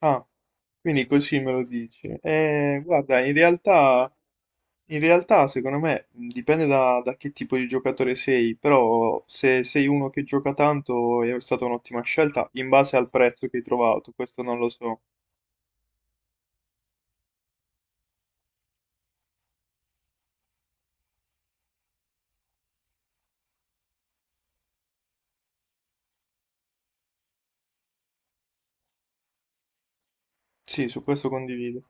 Ah, quindi così me lo dici. Guarda, in realtà, secondo me dipende da che tipo di giocatore sei, però se sei uno che gioca tanto è stata un'ottima scelta in base al prezzo che hai trovato, questo non lo so. Sì, su questo condivido.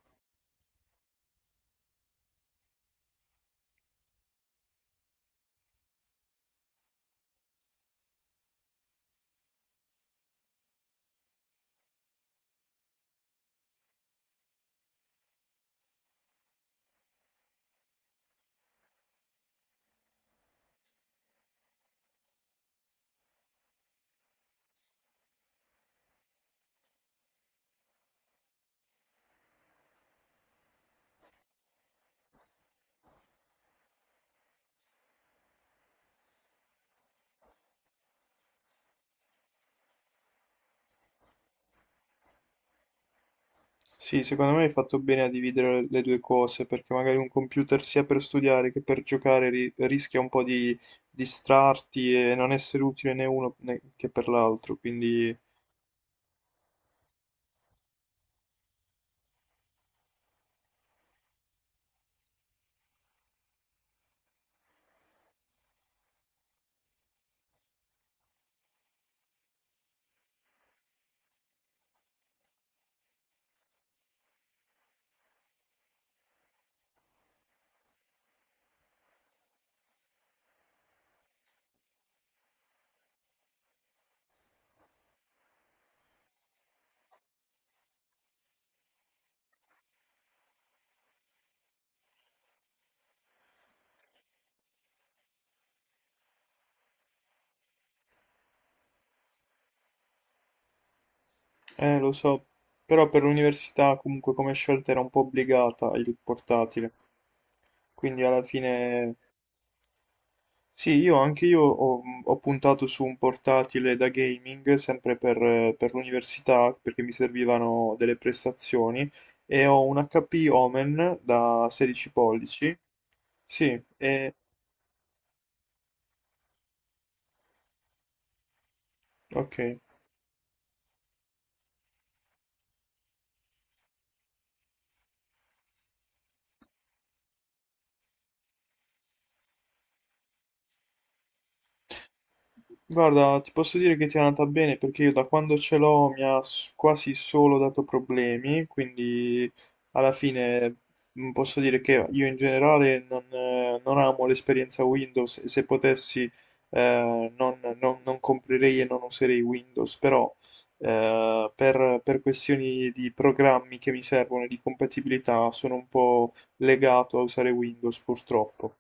Sì, secondo me hai fatto bene a dividere le due cose, perché magari un computer sia per studiare che per giocare rischia un po' di distrarti e non essere utile né uno che per l'altro, quindi... lo so, però per l'università comunque come scelta era un po' obbligata il portatile, quindi alla fine sì, io anche io ho puntato su un portatile da gaming sempre per per l'università perché mi servivano delle prestazioni e ho un HP Omen da 16 pollici, sì, e ok. Guarda, ti posso dire che ti è andata bene perché io da quando ce l'ho mi ha quasi solo dato problemi, quindi alla fine posso dire che io in generale non amo l'esperienza Windows e se potessi non comprerei e non userei Windows, però per questioni di programmi che mi servono e di compatibilità sono un po' legato a usare Windows purtroppo.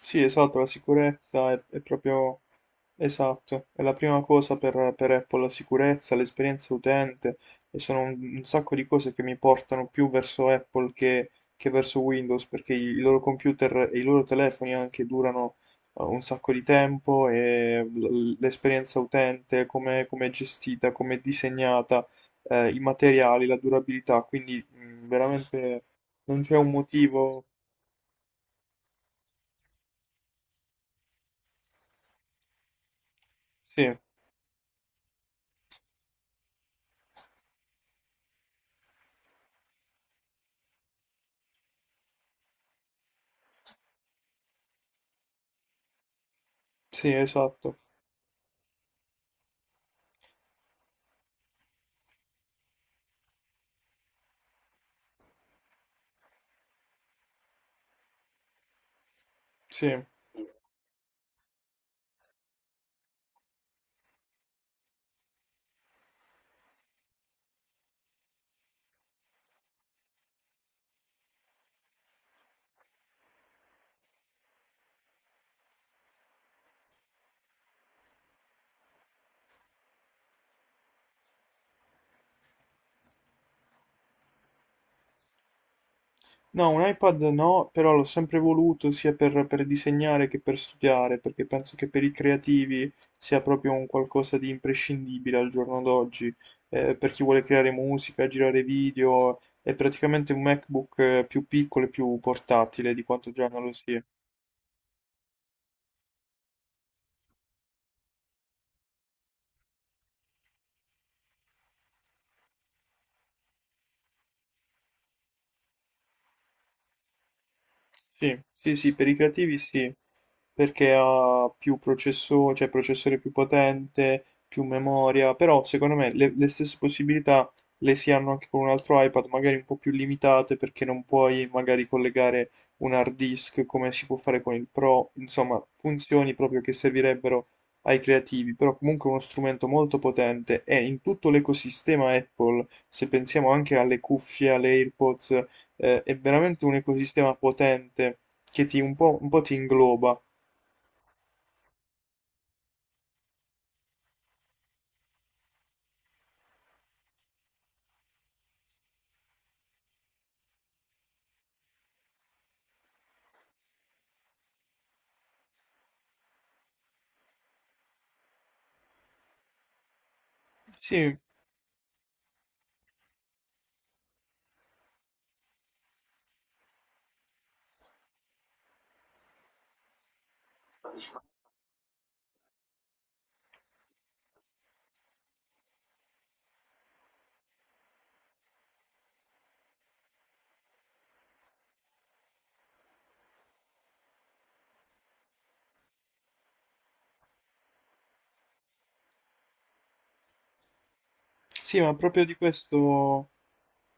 Sì, esatto, la sicurezza è proprio esatto, è la prima cosa per Apple, la sicurezza, l'esperienza utente e sono un sacco di cose che mi portano più verso Apple che verso Windows perché i loro computer e i loro telefoni anche durano un sacco di tempo e l'esperienza utente, come come è gestita, come è disegnata, i materiali, la durabilità, quindi veramente non c'è un motivo. Sì, sì, esatto, sì. No, un iPad no, però l'ho sempre voluto sia per disegnare che per studiare, perché penso che per i creativi sia proprio un qualcosa di imprescindibile al giorno d'oggi, per chi vuole creare musica, girare video, è praticamente un MacBook più piccolo e più portatile di quanto già non lo sia. Sì, sì, sì, per i creativi sì. Perché ha più processore, cioè processore più potente, più memoria, però secondo me le stesse possibilità le si hanno anche con un altro iPad, magari un po' più limitate perché non puoi magari collegare un hard disk come si può fare con il Pro, insomma, funzioni proprio che servirebbero ai creativi, però comunque è uno strumento molto potente e in tutto l'ecosistema Apple, se pensiamo anche alle cuffie, alle AirPods, è veramente un ecosistema potente che ti, un po' ti ingloba. Sì, sì, ma proprio di questo,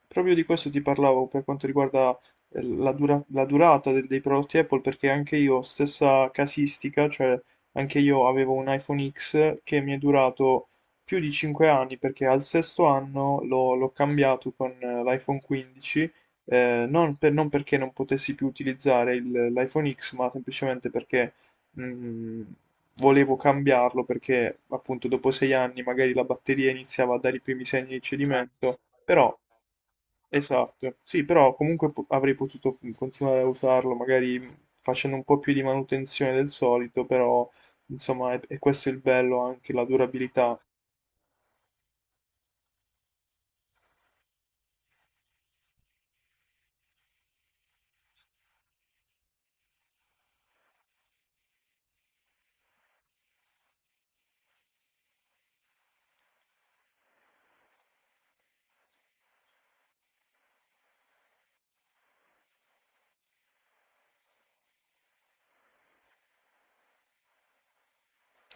ti parlavo per quanto riguarda la durata dei prodotti Apple, perché anche io, stessa casistica, cioè anche io avevo un iPhone X che mi è durato più di 5 anni, perché al sesto anno l'ho cambiato con l'iPhone 15, non perché non potessi più utilizzare l'iPhone X, ma semplicemente perché mh, volevo cambiarlo perché appunto dopo sei anni magari la batteria iniziava a dare i primi segni di cedimento, però esatto, sì, però comunque avrei potuto continuare a usarlo magari facendo un po' più di manutenzione del solito, però insomma è questo il bello anche la durabilità.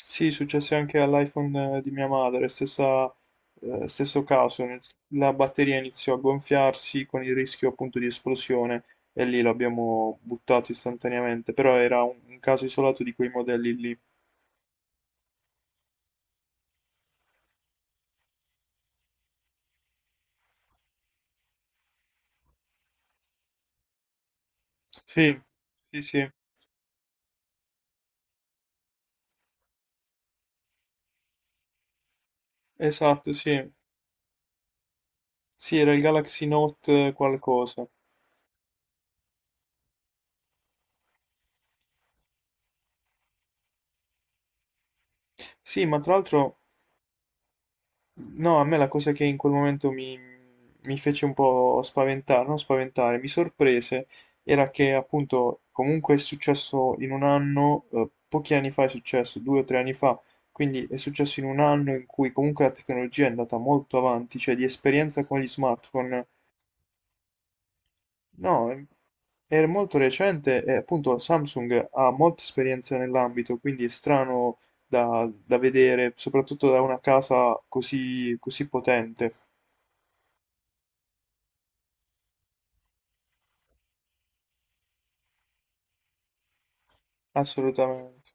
Sì, successe anche all'iPhone di mia madre, stesso caso, la batteria iniziò a gonfiarsi con il rischio appunto di esplosione e lì l'abbiamo buttato istantaneamente, però era un caso isolato di quei modelli lì. Sì, sì, sì, esatto, sì. Sì, era il Galaxy Note qualcosa. Sì, ma tra l'altro no, a me la cosa che in quel momento mi fece un po' spaventare, non spaventare, mi sorprese, era che appunto comunque è successo in un anno, pochi anni fa è successo, due o tre anni fa, quindi è successo in un anno in cui comunque la tecnologia è andata molto avanti, cioè di esperienza con gli smartphone, no, è molto recente e appunto la Samsung ha molta esperienza nell'ambito, quindi è strano da vedere, soprattutto da una casa così così potente. Assolutamente.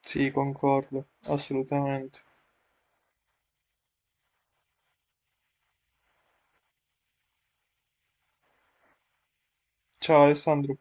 Sì, concordo, assolutamente. Ciao Alessandro.